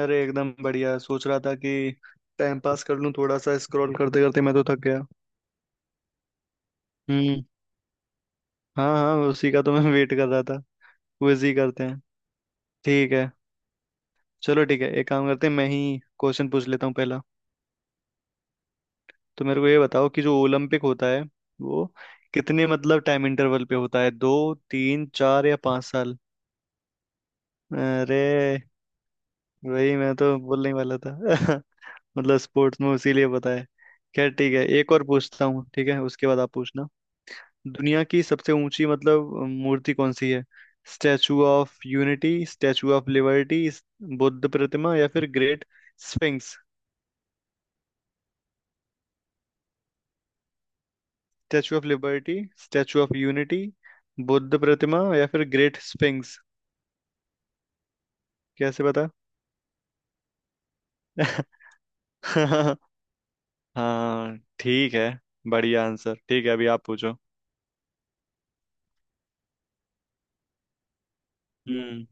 अरे एकदम बढ़िया। सोच रहा था कि टाइम पास कर लूं थोड़ा सा। स्क्रॉल करते करते मैं तो थक गया। हम्म। हाँ हाँ, उसी का तो मैं वेट कर रहा था। क्विज ही करते हैं। ठीक है। चलो ठीक है, एक काम करते हैं। मैं ही क्वेश्चन पूछ लेता हूँ पहला। तो मेरे को ये बताओ कि जो ओलंपिक होता है वो कितने मतलब टाइम इंटरवल पे होता है? दो, तीन, चार या पाँच साल? अरे, वही मैं तो बोलने वाला था। मतलब स्पोर्ट्स में उसीलिए पता है। खैर ठीक है, एक और पूछता हूँ। ठीक है, उसके बाद आप पूछना। दुनिया की सबसे ऊंची मतलब मूर्ति कौन सी है? Statue of unity, statue of liberty, Buddha प्रतिमा या फिर great sphinx. Statue of liberty, statue of unity, Buddha प्रतिमा या फिर ग्रेट स्फिंक्स। कैसे बता? हाँ ठीक है, बढ़िया आंसर। ठीक है, अभी आप पूछो। हम्म।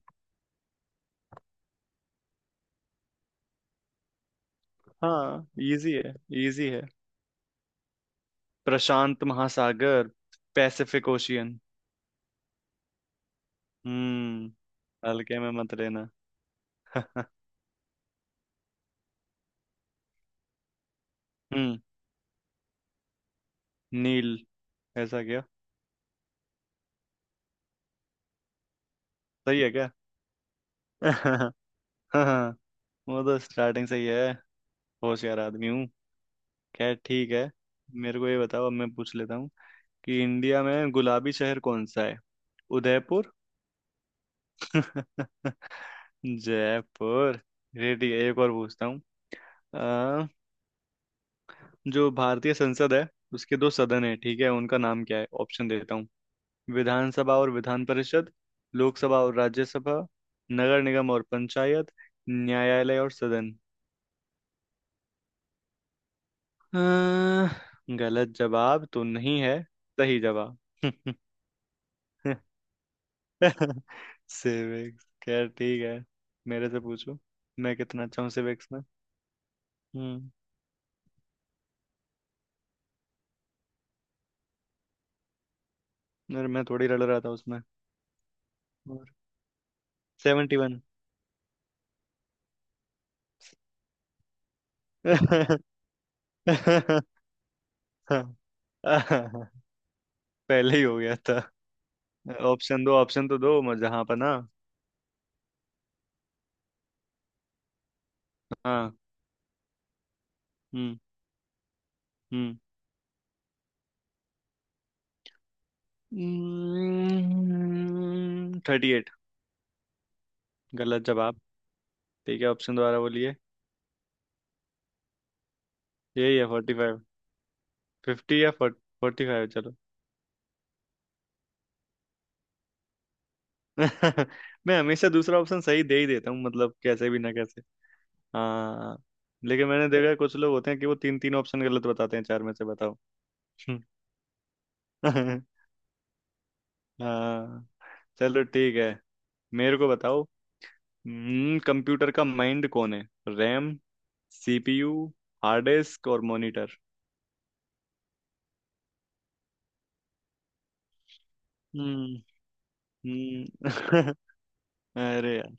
हाँ, इजी है, इजी है। प्रशांत महासागर, पैसिफिक ओशियन। हम्म। हल्के में मत लेना। हम्म। नील। ऐसा क्या? सही है क्या? हाँ, वो तो स्टार्टिंग से ही है। होशियार आदमी हूँ। खैर ठीक है। मेरे को ये बताओ, अब मैं पूछ लेता हूँ कि इंडिया में गुलाबी शहर कौन सा है? उदयपुर। जयपुर। ये ठीक है, एक और पूछता हूँ। अ, जो भारतीय संसद है, उसके दो सदन है, ठीक है? उनका नाम क्या है? ऑप्शन देता हूँ। विधानसभा और विधान परिषद, लोकसभा और राज्यसभा, नगर निगम और पंचायत, न्यायालय और सदन। गलत जवाब तो नहीं है सही जवाब। सिविक्स। खैर ठीक है, मेरे से पूछो मैं कितना अच्छा हूँ सिविक्स में। हम्म। अरे, मैं थोड़ी रल रहा था उसमें। और 71। पहले ही हो गया था। ऑप्शन दो, ऑप्शन तो दो मैं जहाँ पर ना। हाँ। हम्म। हम्म। 38। गलत जवाब। ठीक है, ऑप्शन दोबारा बोलिए। यही है, फोर्टी फिफ्टी या 45? चलो। मैं हमेशा दूसरा ऑप्शन सही दे ही देता हूँ मतलब, कैसे भी ना कैसे। हाँ। लेकिन मैंने देखा है कुछ लोग होते हैं कि वो तीन तीन ऑप्शन गलत बताते हैं चार में से, बताओ। हाँ चलो ठीक है, मेरे को बताओ। कंप्यूटर का माइंड कौन है? रैम, सीपीयू, हार्ड डिस्क और मॉनिटर। हम्म। हम्म। अरे यार,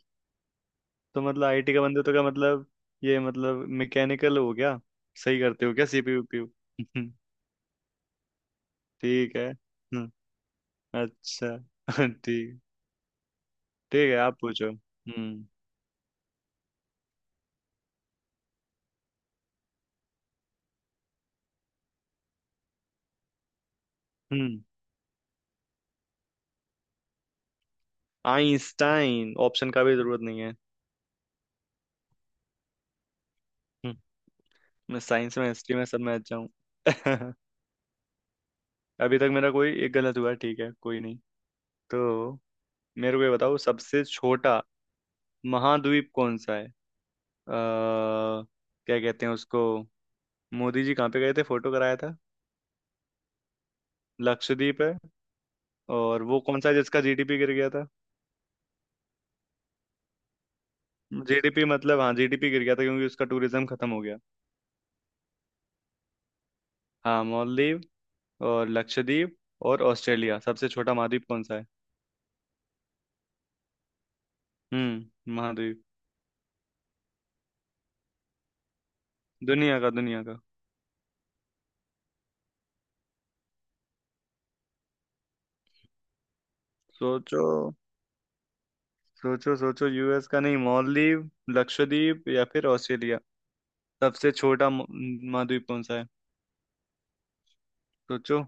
तो मतलब आईटी का बंदे तो का मतलब, ये मतलब मैकेनिकल हो गया। सही करते हो क्या सीपीयू? ठीक है। हम्म। अच्छा। ठीक। ठीक है, आप पूछो। हम्म। हम्म। आइंस्टाइन, ऑप्शन का भी जरूरत नहीं है। हम्म, मैं साइंस में, हिस्ट्री में, सब में अच्छा हूँ। अभी तक मेरा कोई एक गलत हुआ है, ठीक है, कोई नहीं। तो मेरे को ये बताओ, सबसे छोटा महाद्वीप कौन सा है? क्या कहते हैं उसको, मोदी जी कहाँ पे गए थे फोटो कराया था? लक्षद्वीप है। और वो कौन सा है जिसका जीडीपी गिर गया था? जीडीपी मतलब हाँ, जीडीपी गिर गया था क्योंकि उसका टूरिज्म खत्म हो गया। हाँ, मालदीव और लक्षद्वीप और ऑस्ट्रेलिया, सबसे छोटा महाद्वीप कौन सा है? हम्म, महाद्वीप। दुनिया का, दुनिया का। सोचो, सोचो, सोचो, यूएस का नहीं। मालदीव, लक्षद्वीप या फिर ऑस्ट्रेलिया, सबसे छोटा महाद्वीप कौन सा है? सोचो।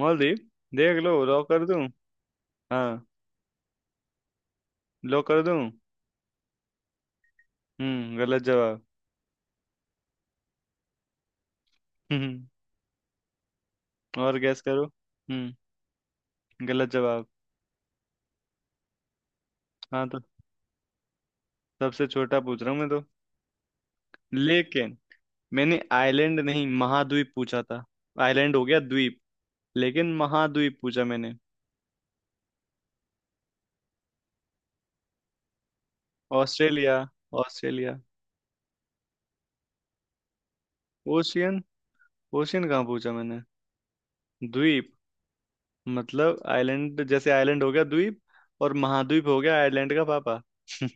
मालदीव? देख लो, लॉक कर दूं। हाँ, लॉक कर दूं। हम्म, गलत जवाब। हम्म, और गैस करो। हम्म, गलत जवाब। हाँ तो सबसे छोटा पूछ रहा हूँ मैं तो। लेकिन मैंने आइलैंड नहीं, महाद्वीप पूछा था। आइलैंड हो गया द्वीप, लेकिन महाद्वीप पूछा मैंने। Australia, Australia. ओशियन? ओशियन कहाँ पूछा मैंने? द्वीप, मतलब आइलैंड। जैसे आइलैंड हो गया द्वीप, और महाद्वीप हो गया आइलैंड का पापा।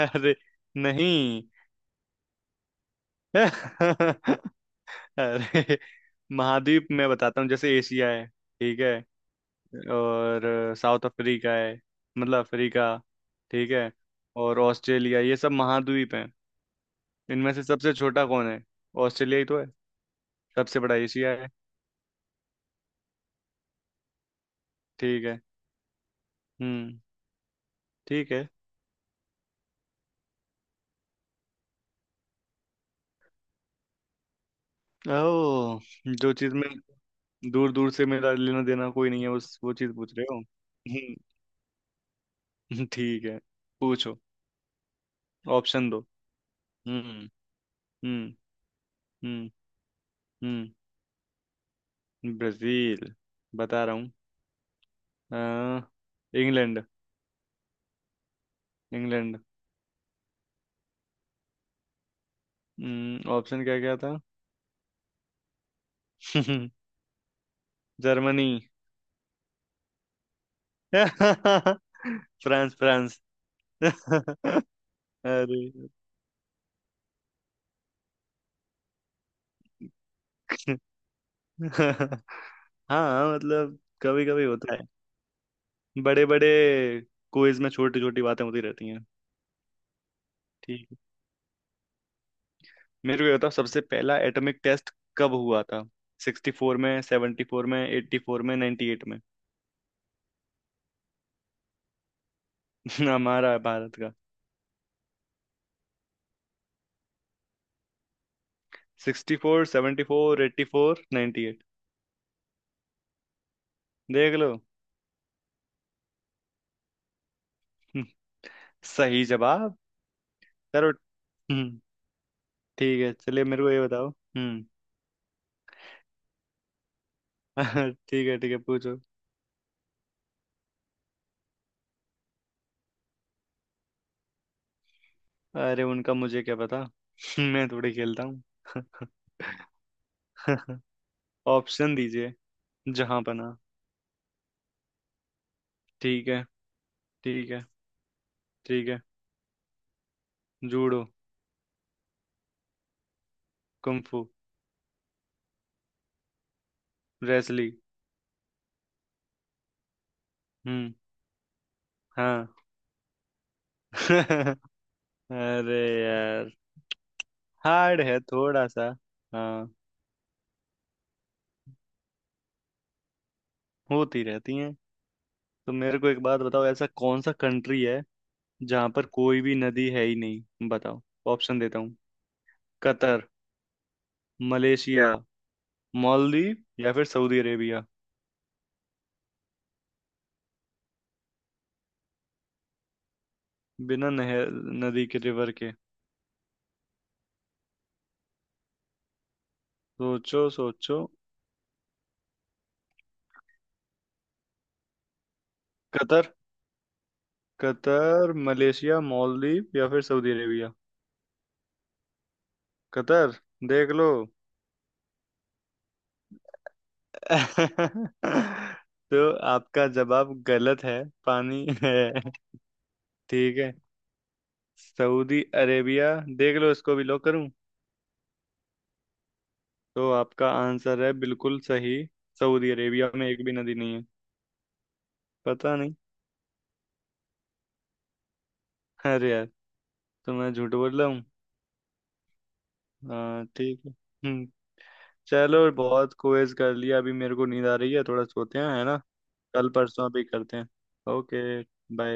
अरे नहीं। अरे, महाद्वीप मैं बताता हूँ। जैसे एशिया है, ठीक है? और साउथ अफ्रीका है, मतलब अफ्रीका, ठीक है? और ऑस्ट्रेलिया, ये सब महाद्वीप हैं। इनमें से सबसे छोटा कौन है? ऑस्ट्रेलिया ही तो है। सबसे बड़ा एशिया है। ठीक है। हम्म। ठीक है। ओह, जो चीज में दूर दूर से मेरा लेना देना कोई नहीं है उस, वो चीज पूछ रहे हो। ठीक है, पूछो। ऑप्शन दो। हम्म। हम्म। हम्म। हम्म। ब्राजील, बता रहा हूँ। अ, इंग्लैंड। इंग्लैंड। ऑप्शन क्या क्या था? जर्मनी। France, France. अरे। हाँ मतलब, कभी कभी होता है। बड़े बड़े क्विज में छोटी छोटी बातें होती रहती हैं। ठीक है, मेरे को ये बताओ, सबसे पहला एटॉमिक टेस्ट कब हुआ था? 64 में, 74 में, 84 में, 98 में। हमारा, भारत का। Sixty four, seventy four, eighty four, ninety eight. देख लो। हम्म, सही जवाब। करो। हम्म, ठीक है चलिए। मेरे को ये बताओ। हम्म। ठीक है, ठीक है, पूछो। अरे उनका मुझे क्या पता। मैं थोड़ी खेलता हूँ। ऑप्शन दीजिए। जहां पना। ठीक है। ठीक है। ठीक है, जूडो। कुंफू। रेसलिंग। हम्म। हाँ। अरे यार, हार्ड है थोड़ा सा। हाँ, होती रहती हैं। तो मेरे को एक बात बताओ, ऐसा कौन सा कंट्री है जहाँ पर कोई भी नदी है ही नहीं? बताओ, ऑप्शन देता हूँ। कतर, मलेशिया, मालदीव या फिर सऊदी अरेबिया। बिना नहर, नदी के, रिवर के। सोचो, सोचो। कतर? कतर, मलेशिया, मालदीव या फिर सऊदी अरेबिया। कतर? देख लो। तो आपका जवाब गलत है। पानी है। ठीक है, सऊदी अरेबिया। देख लो, इसको भी लॉक करूं। तो आपका आंसर है बिल्कुल सही, सऊदी अरेबिया में एक भी नदी नहीं है। पता नहीं। अरे यार, तो मैं झूठ बोल रहा हूँ। हाँ ठीक है। हम्म। चलो बहुत क्विज कर लिया, अभी मेरे को नींद आ रही है। थोड़ा सोते हैं, है ना? कल परसों भी करते हैं। Okay, bye.